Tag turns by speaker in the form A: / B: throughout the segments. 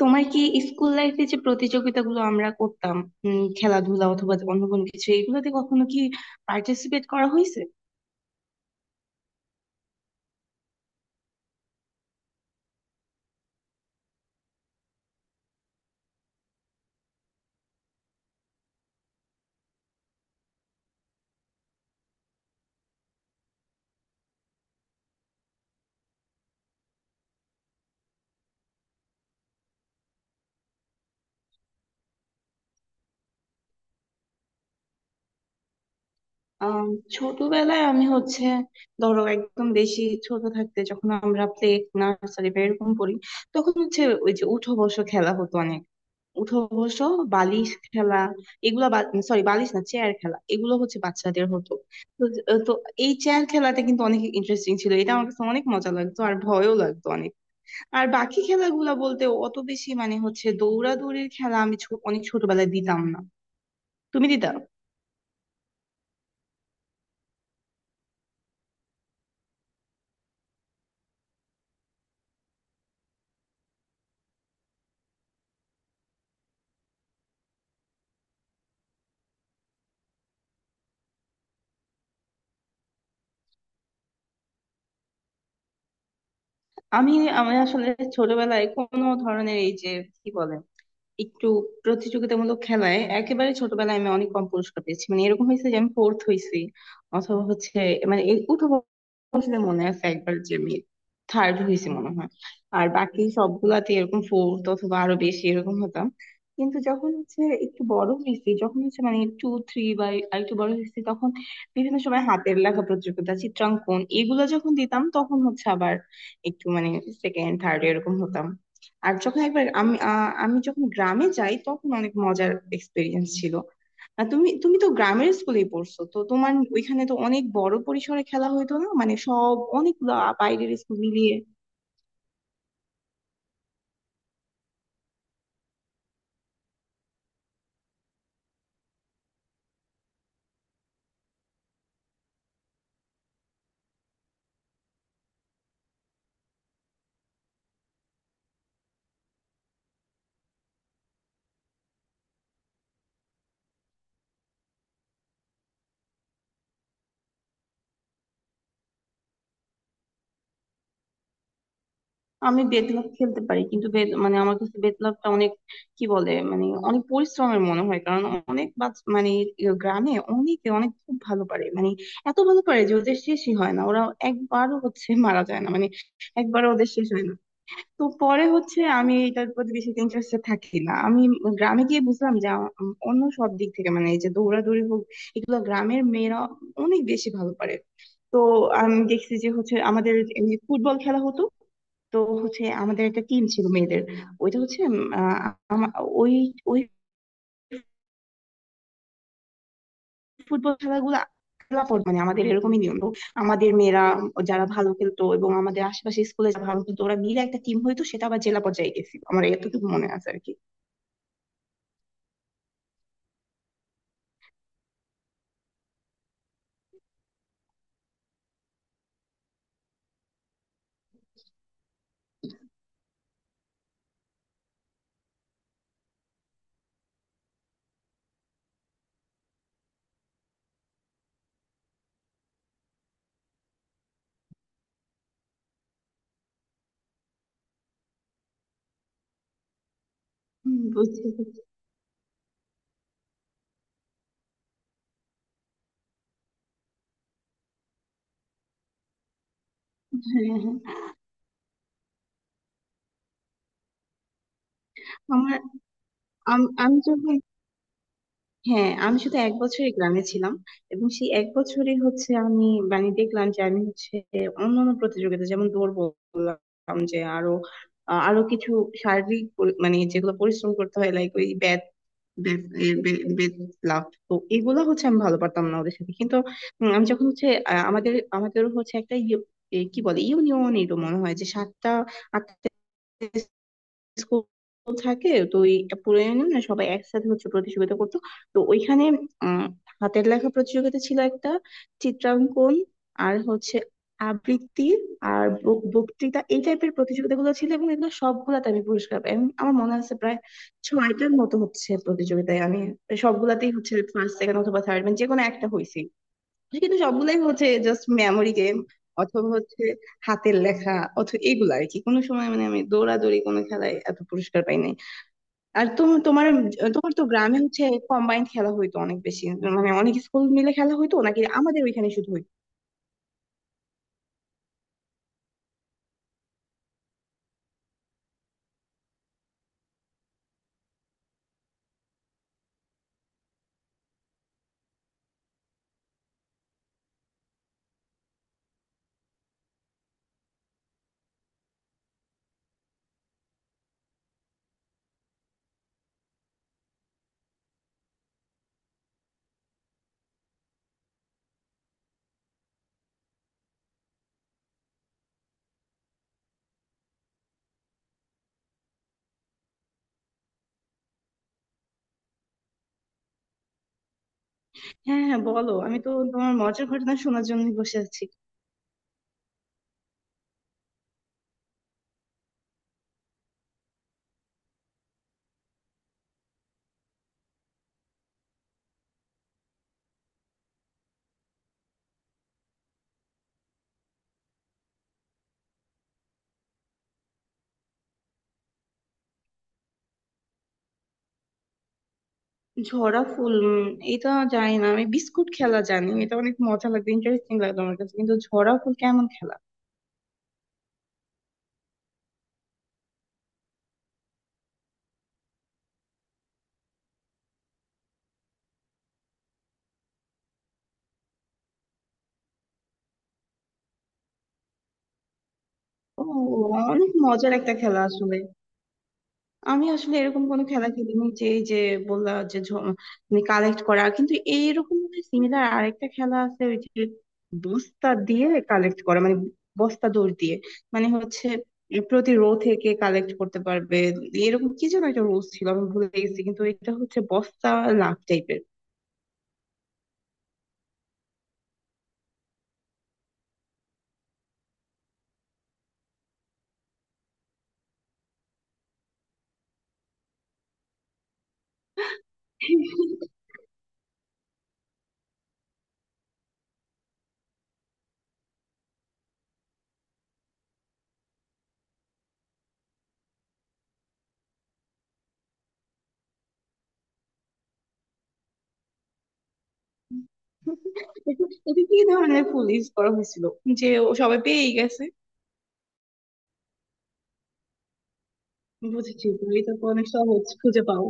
A: তোমার কি স্কুল লাইফে যে প্রতিযোগিতাগুলো আমরা করতাম, খেলাধুলা অথবা অন্য কোনো কিছু, এগুলোতে কখনো কি পার্টিসিপেট করা হয়েছে? আম, ছোটবেলায় আমি হচ্ছে ধরো একদম বেশি ছোট থাকতে, যখন আমরা প্লে নার্সারি বা এরকম পড়ি, তখন হচ্ছে ওই যে উঠো বসো খেলা হতো অনেক। উঠো বসো, বালিশ খেলা, এগুলো। সরি, বালিশ না চেয়ার খেলা, এগুলো হচ্ছে বাচ্চাদের হতো। তো তো এই চেয়ার খেলাটা কিন্তু অনেক ইন্টারেস্টিং ছিল, এটা আমার কাছে অনেক মজা লাগতো আর ভয়ও লাগতো অনেক। আর বাকি খেলাগুলা বলতে অত বেশি মানে হচ্ছে দৌড়াদৌড়ির খেলা, আমি অনেক ছোটবেলায় দিতাম না। তুমি দিতা? আমি আমি আসলে ছোটবেলায় কোনো ধরনের এই যে কি বলে একটু প্রতিযোগিতামূলক খেলায় একেবারে ছোটবেলায় আমি অনেক কম পুরস্কার পেয়েছি, মানে এরকম হয়েছে যে আমি ফোর্থ হয়েছি। অথবা হচ্ছে মানে এই উঠো, আসলে মনে আছে একবার যে আমি থার্ড হয়েছি মনে হয়। আর বাকি সবগুলাতে এরকম ফোর্থ অথবা আরো বেশি এরকম হতাম। কিন্তু যখন হচ্ছে একটু বড় হয়েছি, যখন হচ্ছে মানে টু থ্রি বা একটু বড় হয়েছি, তখন বিভিন্ন সময় হাতের লেখা প্রতিযোগিতা, চিত্রাঙ্কন, এগুলো যখন দিতাম তখন হচ্ছে আবার একটু মানে সেকেন্ড থার্ড এরকম হতাম। আর যখন একবার আমি যখন গ্রামে যাই তখন অনেক মজার এক্সপিরিয়েন্স ছিল। আর তুমি তুমি তো গ্রামের স্কুলেই পড়ছো, তো তোমার ওইখানে তো অনেক বড় পরিসরে খেলা হইতো না, মানে সব অনেকগুলো বাইরের স্কুল মিলিয়ে। আমি বেতলাভ খেলতে পারি, কিন্তু মানে আমার কাছে বেতলাভটা অনেক কি বলে মানে অনেক পরিশ্রমের মনে হয়, কারণ অনেক মানে গ্রামে অনেকে অনেক খুব ভালো পারে, মানে এত ভালো পারে যে ওদের শেষই হয় না, ওরা একবারও হচ্ছে মারা যায় না, মানে একবারও ওদের শেষ হয় না। তো পরে হচ্ছে আমি এটার প্রতি বেশি ইন্টারেস্টেড থাকি না। আমি গ্রামে গিয়ে বুঝলাম যে আ- উম অন্য সব দিক থেকে মানে এই যে দৌড়াদৌড়ি হোক, এগুলো গ্রামের মেয়েরা অনেক বেশি ভালো পারে। তো আমি দেখছি যে হচ্ছে আমাদের এমনি ফুটবল খেলা হতো। তো হচ্ছে আমাদের একটা টিম ছিল মেয়েদের। ওইটা হচ্ছে উম, আহ, আমা- ওই ওই ফুটবল খেলাগুলো খেলা পর মানে আমাদের এরকমই নিয়ম তো। আমাদের মেয়েরা যারা ভালো খেলতো এবং আমাদের আশেপাশে স্কুলে যারা ভালো খেলতো ওরা মিলে একটা টিম হইতো, সেটা আবার জেলা পর্যায়ে গেছিল, আমার এতটুকু মনে আছে আর কি। হুম, বুঝতে পেরেছি। হ্যাঁ, হ্যাঁ। আমার আমি যখন, হ্যাঁ, আমি শুধু এক বছরই গ্রামে ছিলাম, এবং সেই এক বছরই হচ্ছে আমি, মানে দেখলাম যে আমি হচ্ছে অন্যান্য প্রতিযোগিতা যেমন দৌড় বললাম, যে আরো কিছু শারীরিক মানে যেগুলো পরিশ্রম করতে হয়, লাইক ওই ব্যাট, বেত লাফ, তো এগুলো হচ্ছে আমি ভালো পারতাম না ওদের সাথে। কিন্তু আমি যখন হচ্ছে আমাদের আমাদের হচ্ছে একটা কি বলে ইউনিয়ন এরকম মনে হয় যে সাতটা আটটা স্কুল থাকে, তো ওই পুরানো না, সবাই একসাথে হচ্ছে প্রতিযোগিতা করতো। তো ওইখানে উম হাতের লেখা প্রতিযোগিতা ছিল একটা, চিত্রাঙ্কন, আর হচ্ছে আবৃত্তি, আর বক্তৃতা এই টাইপের প্রতিযোগিতাগুলো ছিল, এবং এগুলো সবগুলাতে আমি পুরস্কার পাই, এবং আমার মনে আছে প্রায় ছয়টার মতো হচ্ছে প্রতিযোগিতায় আমি সবগুলাতেই হচ্ছে ফার্স্ট সেকেন্ড অথবা থার্ড মানে যে কোনো একটা হয়েছি। কিন্তু সবগুলাই হচ্ছে জাস্ট মেমোরি গেম অথবা হচ্ছে হাতের লেখা অথবা এগুলো আর কি। কোনো সময় মানে আমি দৌড়াদৌড়ি কোনো খেলায় এত পুরস্কার পাই নাই। আর তুমি, তোমার তোমার তো গ্রামে হচ্ছে কম্বাইন্ড খেলা হইতো অনেক বেশি, মানে অনেক স্কুল মিলে খেলা হইতো নাকি আমাদের ওইখানে শুধু হইতো? হ্যাঁ, হ্যাঁ, বলো, আমি তো তোমার মজার ঘটনা শোনার জন্য বসে আছি। ঝরা ফুল, এটা জানি না। আমি বিস্কুট খেলা জানি, এটা অনেক মজা লাগবে, ইন্টারেস্টিং লাগবে আমার কাছে, কিন্তু ঝরা ফুল কেমন খেলা? ও, অনেক মজার একটা খেলা আসলে। আমি আসলে এরকম কোনো খেলা খেলিনি, যে এই যে বললা যে মানে কালেক্ট করা, কিন্তু এইরকম সিমিলার আরেকটা খেলা আছে, ওই যে বস্তা দিয়ে কালেক্ট করা, মানে বস্তা দৌড় দিয়ে মানে হচ্ছে প্রতি রো থেকে কালেক্ট করতে পারবে, এরকম কি যেন একটা রুলস ছিল, আমি ভুলে গেছি, কিন্তু এটা হচ্ছে বস্তা লাভ টাইপের। এটা এটা কি ধরনের পুলিশ করা হয়েছিল যে ও সবাই পেয়ে গেছে? বুঝেছি তুমি, এটা তো অনেক সহজ খুঁজে পাও।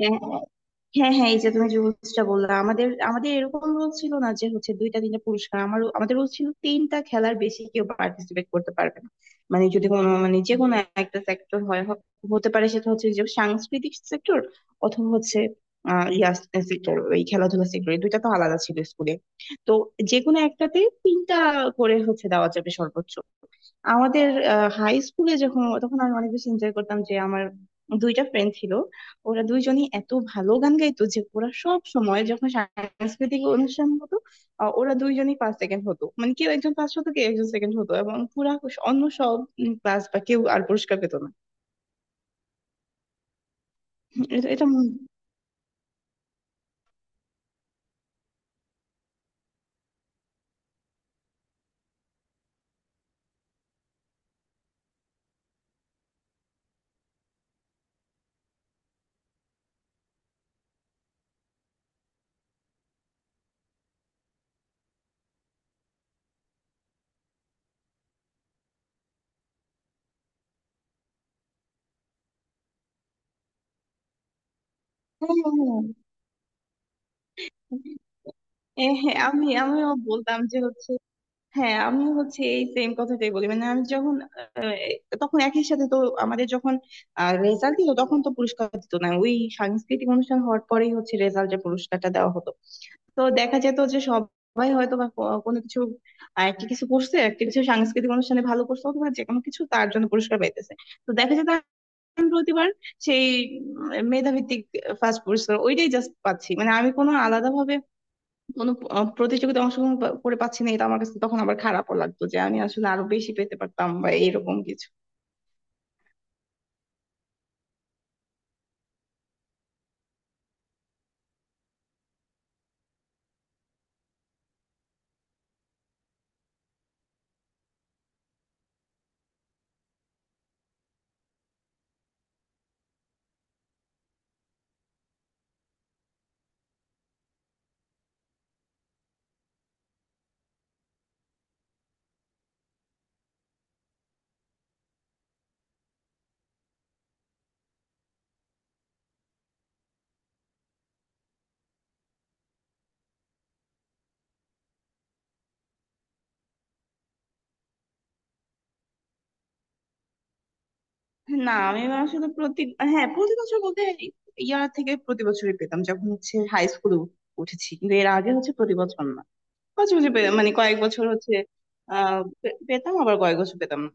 A: হ্যাঁ, হ্যাঁ, হ্যাঁ, এই যে তুমি যে রুলসটা বললা, আমাদের আমাদের এরকম রুল ছিল না যে হচ্ছে দুইটা তিনটা পুরস্কার, আমাদের রুল ছিল তিনটা খেলার বেশি কেউ পার্টিসিপেট করতে পারবে না। মানে যদি কোনো মানে যে কোনো একটা সেক্টর হয়, হতে পারে সেটা হচ্ছে যে সাংস্কৃতিক সেক্টর অথবা হচ্ছে আহ ইয়া সেক্টর ওই খেলাধুলা সেক্টর, এই দুইটা তো আলাদা ছিল স্কুলে। তো যে কোনো একটাতে তিনটা করে হচ্ছে দেওয়া যাবে সর্বোচ্চ। আমাদের হাই স্কুলে যখন, তখন আমি অনেক বেশি এনজয় করতাম, যে আমার দুইটা ফ্রেন্ড ছিল, ওরা দুইজনই এত ভালো গান গাইতো যে ওরা সব সময় যখন সাংস্কৃতিক অনুষ্ঠান হতো, ওরা দুইজনই ফার্স্ট সেকেন্ড হতো, মানে কেউ একজন ফার্স্ট হতো কেউ একজন সেকেন্ড হতো, এবং পুরা অন্য সব ক্লাস বা কেউ আর পুরস্কার পেতো না। এটা এটা হ্যাঁ, হ্যাঁ, হ্যাঁ। হ্যাঁ, আমিও বলতাম যে হচ্ছে, হ্যাঁ, আমি হচ্ছে এই সেম কথাটাই বলি, মানে আমি যখন আহ, তখন একই সাথে তো আমাদের যখন রেজাল্ট দিত তখন তো পুরস্কার দিত না, ওই সাংস্কৃতিক অনুষ্ঠান হওয়ার পরেই হচ্ছে রেজাল্টের পুরস্কারটা দেওয়া হতো। তো দেখা যেত যে সবাই হয়তো বা কোনো কিছু, একটা কিছু করছে, একটা কিছু সাংস্কৃতিক অনুষ্ঠানে ভালো করছে অথবা যে কোনো কিছু তার জন্য পুরস্কার পাইতেছে। তো দেখা যেত আমি প্রতিবার সেই মেধাভিত্তিক ফার্স্ট পুরস্কার ওইটাই জাস্ট পাচ্ছি, মানে আমি কোনো আলাদা ভাবে কোনো প্রতিযোগিতায় অংশগ্রহণ করে পাচ্ছি না, এটা আমার কাছে তখন আবার খারাপও লাগতো, যে আমি আসলে আরো বেশি পেতে পারতাম বা এরকম কিছু। না, আমি আসলে প্রতি, হ্যাঁ, প্রতি বছর বলতে, ইয়ার থেকে প্রতি বছরই পেতাম যখন হচ্ছে হাই স্কুলে উঠেছি, কিন্তু এর আগে হচ্ছে প্রতি বছর না, মাঝে মাঝে মানে কয়েক বছর হচ্ছে পেতাম, আবার কয়েক বছর পেতাম না